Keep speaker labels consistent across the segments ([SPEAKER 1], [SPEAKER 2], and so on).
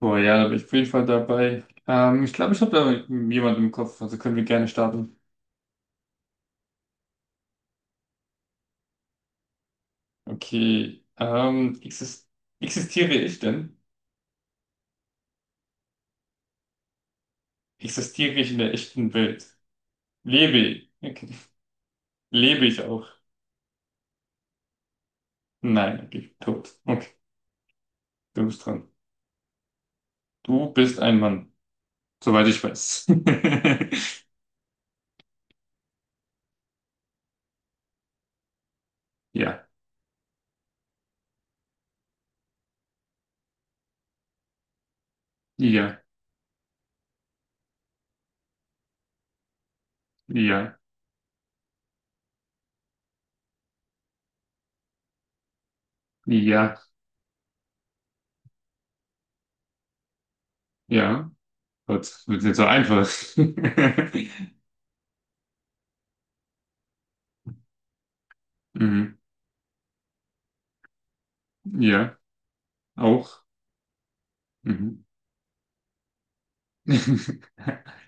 [SPEAKER 1] Boah, ja, da bin ich auf jeden Fall dabei. Ich glaube, ich habe da jemanden im Kopf, also können wir gerne starten. Okay, existiere ich denn? Existiere ich in der echten Welt? Lebe ich? Okay. Lebe ich auch? Nein, okay, tot. Okay, du bist dran. Du bist ein Mann, soweit ich weiß. Ja, ja, ja, ja, ja. Gott, das wird nicht so einfach. Mhm. Ja, auch. Mhm.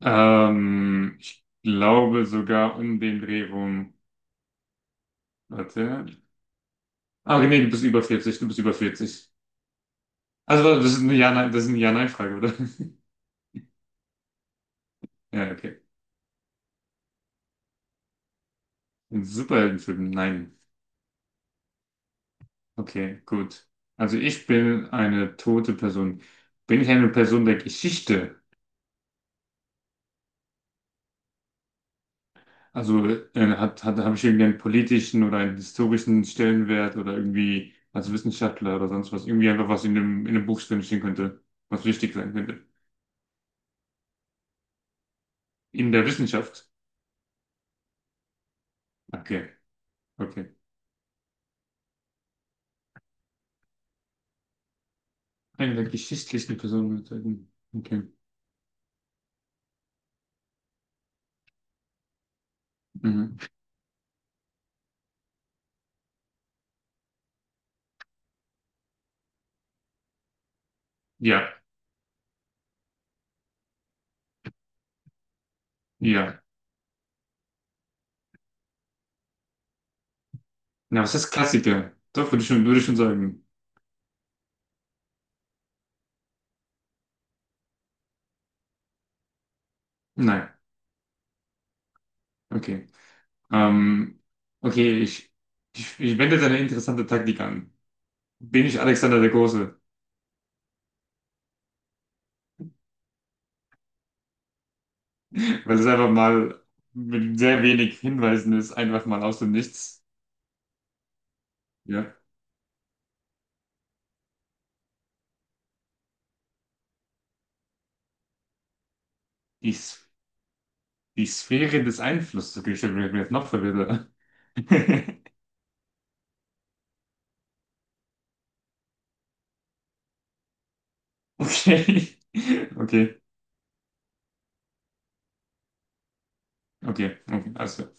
[SPEAKER 1] Ich glaube sogar um den Dreh rum. Warte. Ah, okay, nee, du bist über 40, du bist über 40. Also, warte, das ist eine Ja-Nein, das ist eine Ja-Nein-Frage, oder? Ja, okay. Ein Superheldenfilm? Nein. Okay, gut. Also, ich bin eine tote Person. Bin ich eine Person der Geschichte? Also, habe ich irgendwie einen politischen oder einen historischen Stellenwert oder irgendwie als Wissenschaftler oder sonst was? Irgendwie einfach was in dem Buch drinstehen könnte, was wichtig sein könnte. In der Wissenschaft. Okay, okay. Eine der geschichtlichen Personen okay. Mhm. Ja, ja. Na, was heißt Klassiker? Doch, würde ich schon sagen. Nein. Okay. Ähm, okay, ich, ich, ich wende jetzt eine interessante Taktik an. Bin ich Alexander der Große? Weil es einfach mal mit sehr wenig Hinweisen ist, einfach mal aus dem Nichts. Ja. Die, S- Die Sphäre des Einflusses. Okay, ich bin jetzt noch verwirrter. Okay. Okay. Okay. Okay. Also.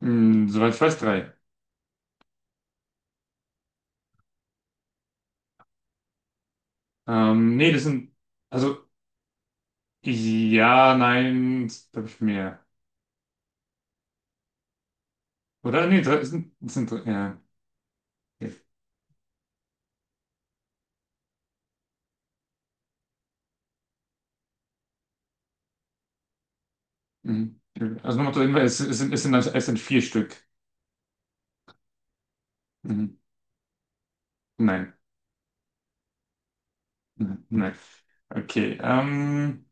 [SPEAKER 1] Hm, soweit ich weiß, 3. Nee, also, ja, nein, glaube ich mehr. Oder? Nee, 3, 3, ja. Okay. Mhm. Also nochmal zu Hinweis, also, es sind 4 Stück. Mhm. Nein, nein, nein. Okay,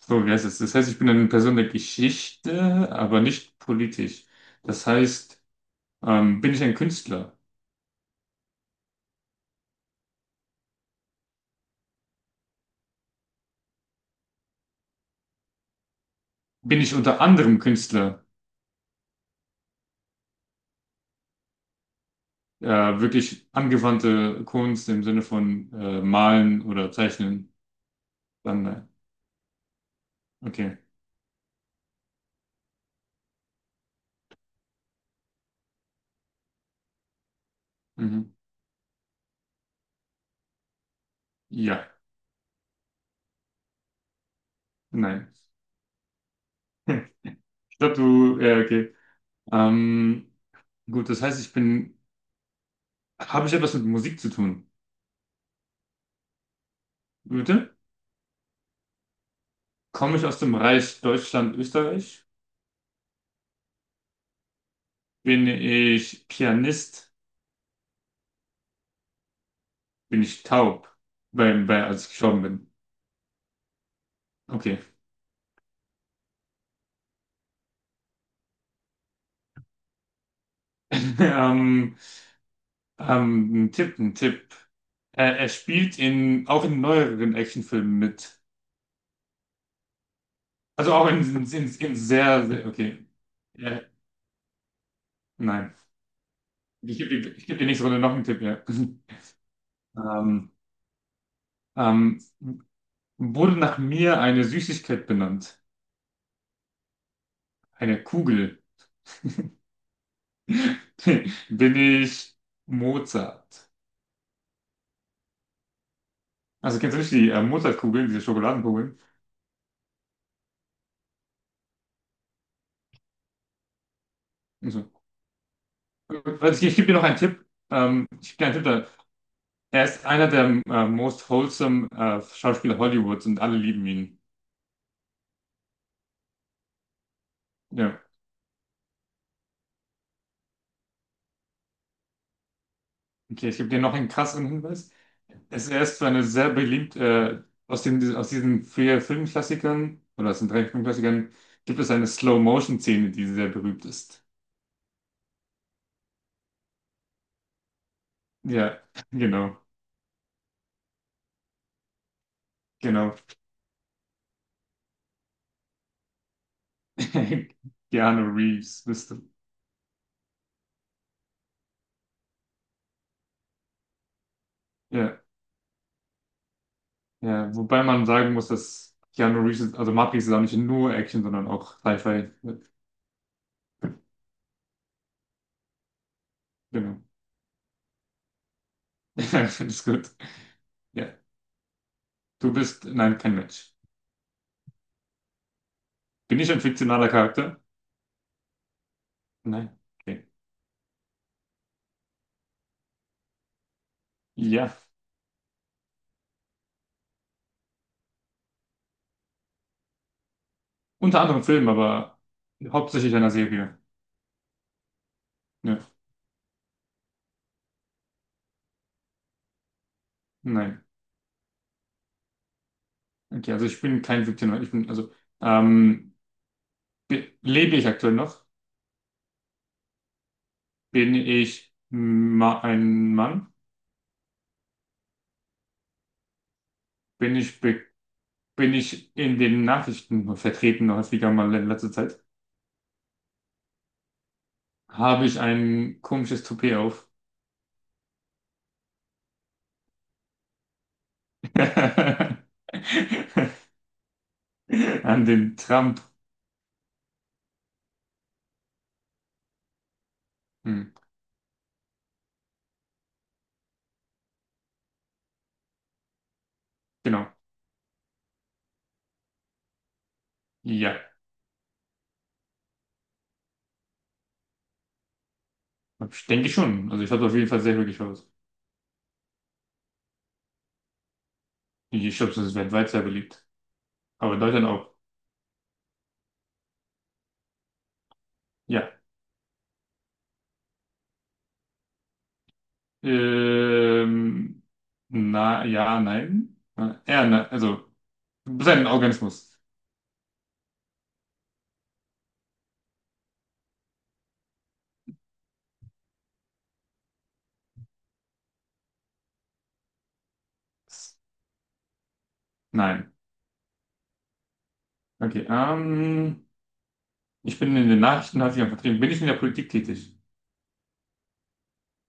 [SPEAKER 1] so, wie heißt es? Das heißt, ich bin eine Person der Geschichte, aber nicht politisch. Das heißt, bin ich ein Künstler? Bin ich unter anderem Künstler? Äh, Wirklich angewandte Kunst im Sinne von Malen oder Zeichnen? Dann nein. Okay. Mhm. Ja, nein. Ich glaube, du, ja, okay. Ähm, gut, das heißt, ich bin, habe ich etwas mit Musik zu tun? Bitte? Komme ich aus dem Reich Deutschland, Österreich? Bin ich Pianist? Bin ich taub? Als ich gestorben bin. Okay. Ähm, ein Tipp, ein Tipp. Er spielt in, auch in neueren Actionfilmen mit. Also auch in sehr, sehr, okay. Ja, nein. Ich geb dir nächste Runde noch einen Tipp, ja. Ähm, ähm, Wurde nach mir eine Süßigkeit benannt? Eine Kugel. Bin ich Mozart? Also kennst du nicht die Mozartkugeln, diese Schokoladenkugeln? Also, also ich gebe dir noch einen Tipp. Ich gebe dir einen Tipp da. Er ist einer der most wholesome Schauspieler Hollywoods und alle lieben ihn. Ja. Okay, ich gebe dir noch einen krasseren Hinweis. Es Er ist zwar eine sehr beliebt, aus diesen 4 Filmklassikern, oder aus den 3 Filmklassikern, gibt es eine Slow-Motion-Szene, die sehr berühmt ist. Ja, genau, genau. Keanu Reeves bist du? Ja, ja, wobei man sagen muss, dass Keanu Reeves, also Matrix ist auch nicht nur Action, sondern auch Sci-Fi. Ja, genau. Das ist gut. Ja, du bist, nein, kein Mensch. Bin ich ein fiktionaler Charakter? Nein. Okay. Ja. Unter anderem Film, aber hauptsächlich einer Serie. Nö, nein. Okay, also ich bin kein Victim. Ich bin, also, ähm, be- Lebe ich aktuell noch? Bin ich ma ein Mann? Bin ich, be Bin ich in den Nachrichten vertreten, häufiger mal in letzter Zeit? Habe ich ein komisches Toupet auf? An den Trump. Hm, genau. Ja, ich denke schon. Also ich habe auf jeden Fall sehr glücklich aus. Ich glaube, das ist weltweit sehr beliebt. Aber in Deutschland auch. Ja. Ähm, na, ja, nein. Ja, ne, also, sein Organismus. S- Nein. Okay, ich bin in den Nachrichten, hat sich ja vertrieben. Bin ich in der Politik tätig?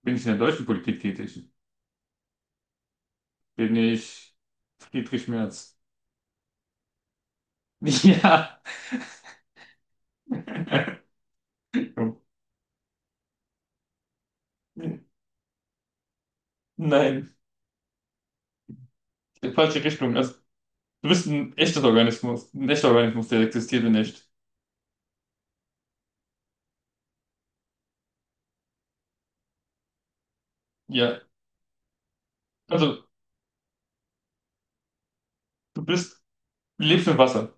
[SPEAKER 1] Bin ich in der deutschen Politik tätig? Bin ich Friedrich Merz? Ja. Nein, falsche Richtung. Also, du bist ein echtes Organismus. Ein echter Organismus, der existierte nicht. Ja, also, du bist, lebst im Wasser.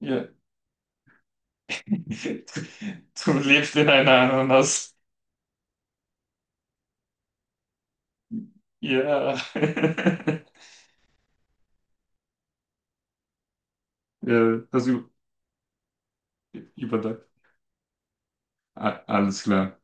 [SPEAKER 1] Ja. Du lebst in einer Ananas. Ja. Ja, das überdacht. Alles klar.